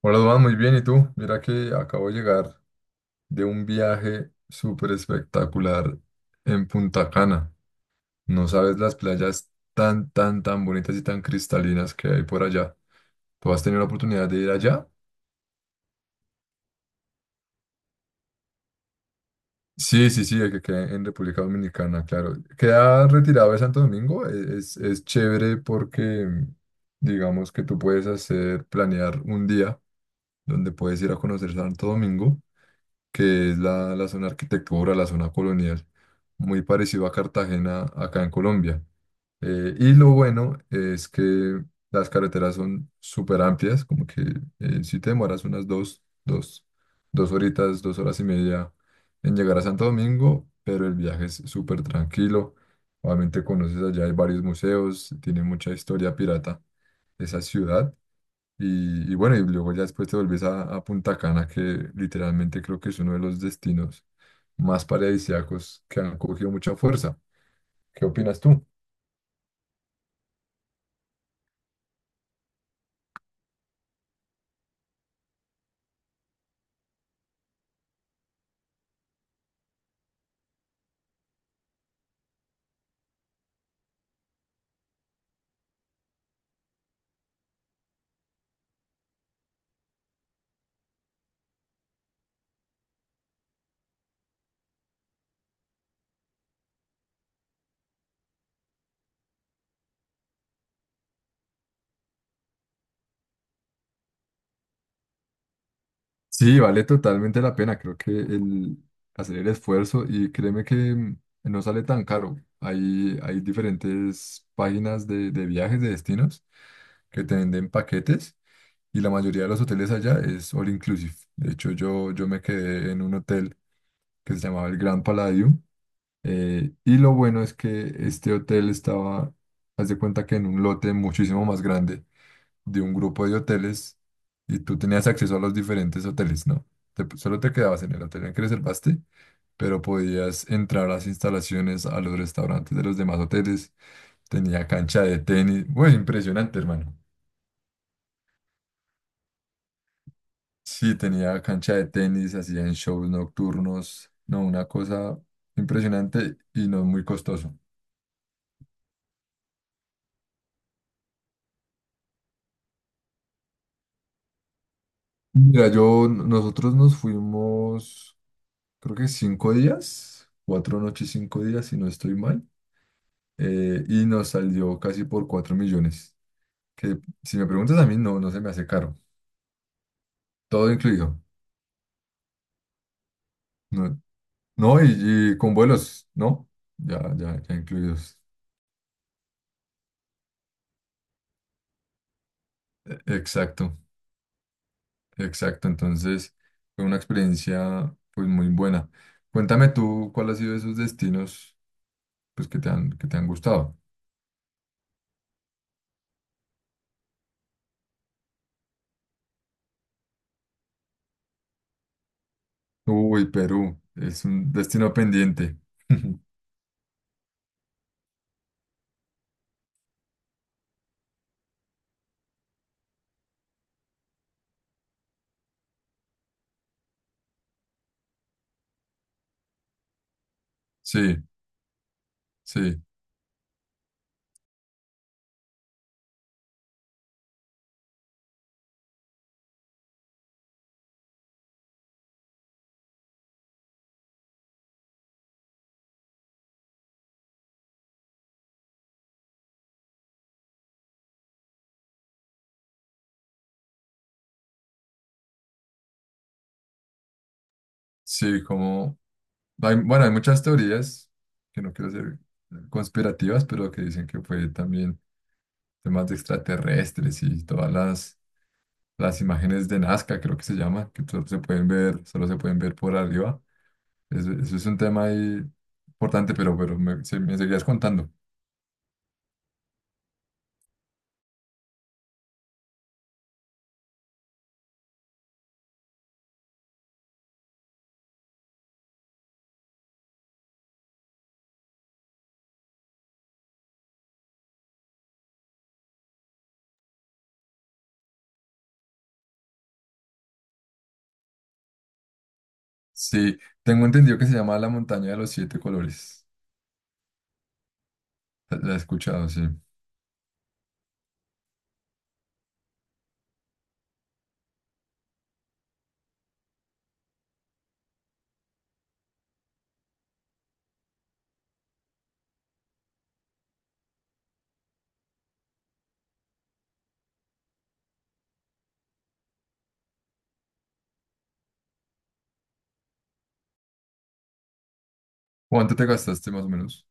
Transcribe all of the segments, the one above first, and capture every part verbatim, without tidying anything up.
Hola, Duan, muy bien. ¿Y tú? Mira que acabo de llegar de un viaje súper espectacular en Punta Cana. No sabes las playas tan, tan, tan bonitas y tan cristalinas que hay por allá. ¿Tú has tenido la oportunidad de ir allá? Sí, sí, sí, el que queda en República Dominicana, claro. Queda retirado de Santo Domingo. e- Es, es chévere porque digamos que tú puedes hacer, planear un día donde puedes ir a conocer Santo Domingo, que es la, la zona arquitectura, la zona colonial, muy parecido a Cartagena acá en Colombia. Eh, y lo bueno es que las carreteras son súper amplias, como que eh, si te demoras unas dos, dos, dos horitas, dos horas y media en llegar a Santo Domingo, pero el viaje es súper tranquilo. Obviamente conoces allá, hay varios museos, tiene mucha historia pirata esa ciudad. Y, y bueno, y luego ya después te volvés a, a Punta Cana, que literalmente creo que es uno de los destinos más paradisíacos que han cogido mucha fuerza. ¿Qué opinas tú? Sí, vale totalmente la pena. Creo que el hacer el esfuerzo y créeme que mm, no sale tan caro. Hay, hay diferentes páginas de, de viajes, de destinos, que te venden paquetes, y la mayoría de los hoteles allá es all inclusive. De hecho, yo, yo me quedé en un hotel que se llamaba el Grand Palladium. Eh, y lo bueno es que este hotel estaba, haz de cuenta, que en un lote muchísimo más grande, de un grupo de hoteles, y tú tenías acceso a los diferentes hoteles, ¿no? Te- solo te quedabas en el hotel en el que reservaste, pero podías entrar a las instalaciones, a los restaurantes de los demás hoteles. Tenía cancha de tenis. Bueno, impresionante, hermano. Sí, tenía cancha de tenis, hacían shows nocturnos. No, una cosa impresionante y no muy costoso. Mira, yo, nosotros nos fuimos, creo que cinco días, cuatro noches, cinco días, si no estoy mal, eh, y nos salió casi por cuatro millones, que, si me preguntas a mí, no, no se me hace caro, todo incluido, no, no, y, y con vuelos, ¿no? Ya, ya, ya incluidos. E- Exacto, exacto, entonces fue una experiencia pues muy buena. Cuéntame tú, ¿cuál ha sido esos destinos pues que te han, que te han gustado? Uy, Perú, es un destino pendiente. Sí, sí, sí, como. Hay, bueno, hay muchas teorías, que no quiero ser conspirativas, pero que dicen que fue también temas de extraterrestres y todas las, las imágenes de Nazca, creo que se llama, que solo se pueden ver, solo se pueden ver por arriba. Eso, eso es un tema ahí importante, pero, pero me, se- me seguías contando. Sí, tengo entendido que se llama la montaña de los siete colores. La la he escuchado, sí. ¿Cuánto te gastaste más o menos?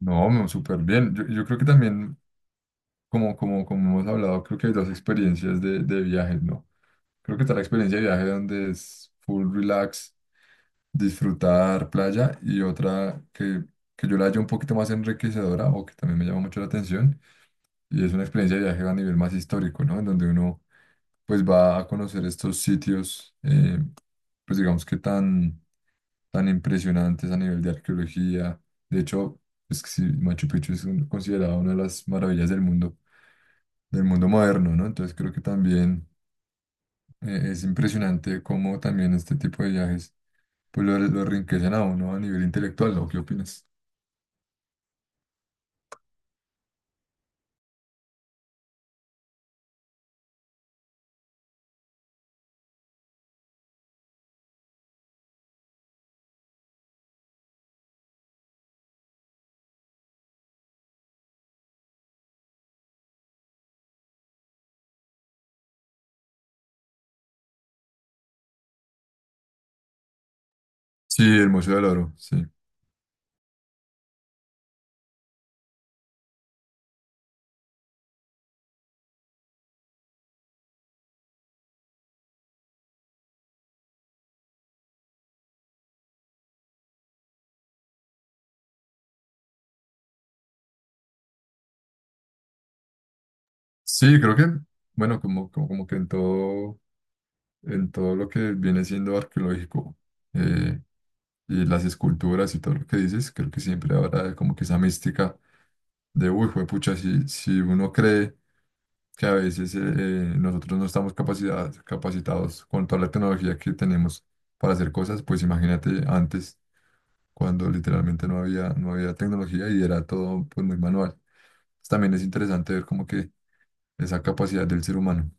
No, no, súper bien. Yo, yo creo que también, como, como, como hemos hablado, creo que hay dos experiencias de, de viajes, ¿no? Creo que está la experiencia de viaje donde es full relax, disfrutar playa, y otra que, que yo la hallo un poquito más enriquecedora, o que también me llama mucho la atención, y es una experiencia de viaje a nivel más histórico, ¿no? En donde uno pues va a conocer estos sitios, eh, pues digamos que tan tan impresionantes a nivel de arqueología. De hecho, es que sí, Machu Picchu es un- considerado una de las maravillas del mundo, del mundo moderno, ¿no? Entonces creo que también eh, es impresionante cómo también este tipo de viajes pues lo, lo enriquecen a uno a nivel intelectual, ¿no? ¿Qué opinas? Sí, el Museo del Oro, sí. Sí, creo que, bueno, como, como, como que en todo, en todo, lo que viene siendo arqueológico, y las esculturas y todo lo que dices, creo que siempre habrá como que esa mística de, uy, juepucha, si, si uno cree que a veces eh, eh, nosotros no estamos capacitados, capacitados con toda la tecnología que tenemos para hacer cosas, pues imagínate antes, cuando literalmente no había, no había tecnología y era todo, pues, muy manual. Pues, también es interesante ver como que esa capacidad del ser humano.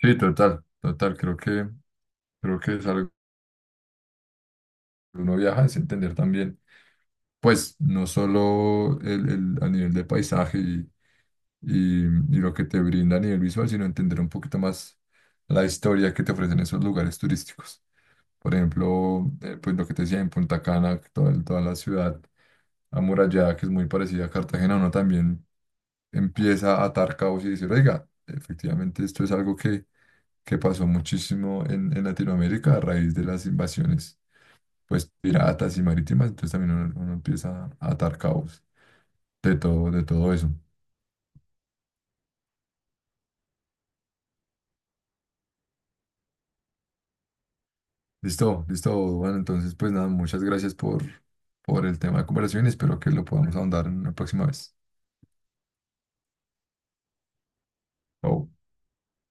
Sí, total, total, creo que, creo que es algo que uno viaja, es entender también pues no solo el, el- a nivel de paisaje y, y- y lo que te brinda a nivel visual, sino entender un poquito más la historia que te ofrecen esos lugares turísticos. Por ejemplo, eh, pues lo que te decía en Punta Cana, que toda, toda la ciudad amurallada, que es muy parecida a Cartagena, uno también empieza a atar cabos y decir, oiga, efectivamente esto es algo que, que pasó muchísimo en, en Latinoamérica a raíz de las invasiones, pues piratas y marítimas, entonces también uno uno empieza a atar cabos de todo, de todo eso. Listo, listo, bueno, entonces pues nada, muchas gracias por, por el tema de conversación y espero que lo podamos ahondar en una próxima vez. Chao.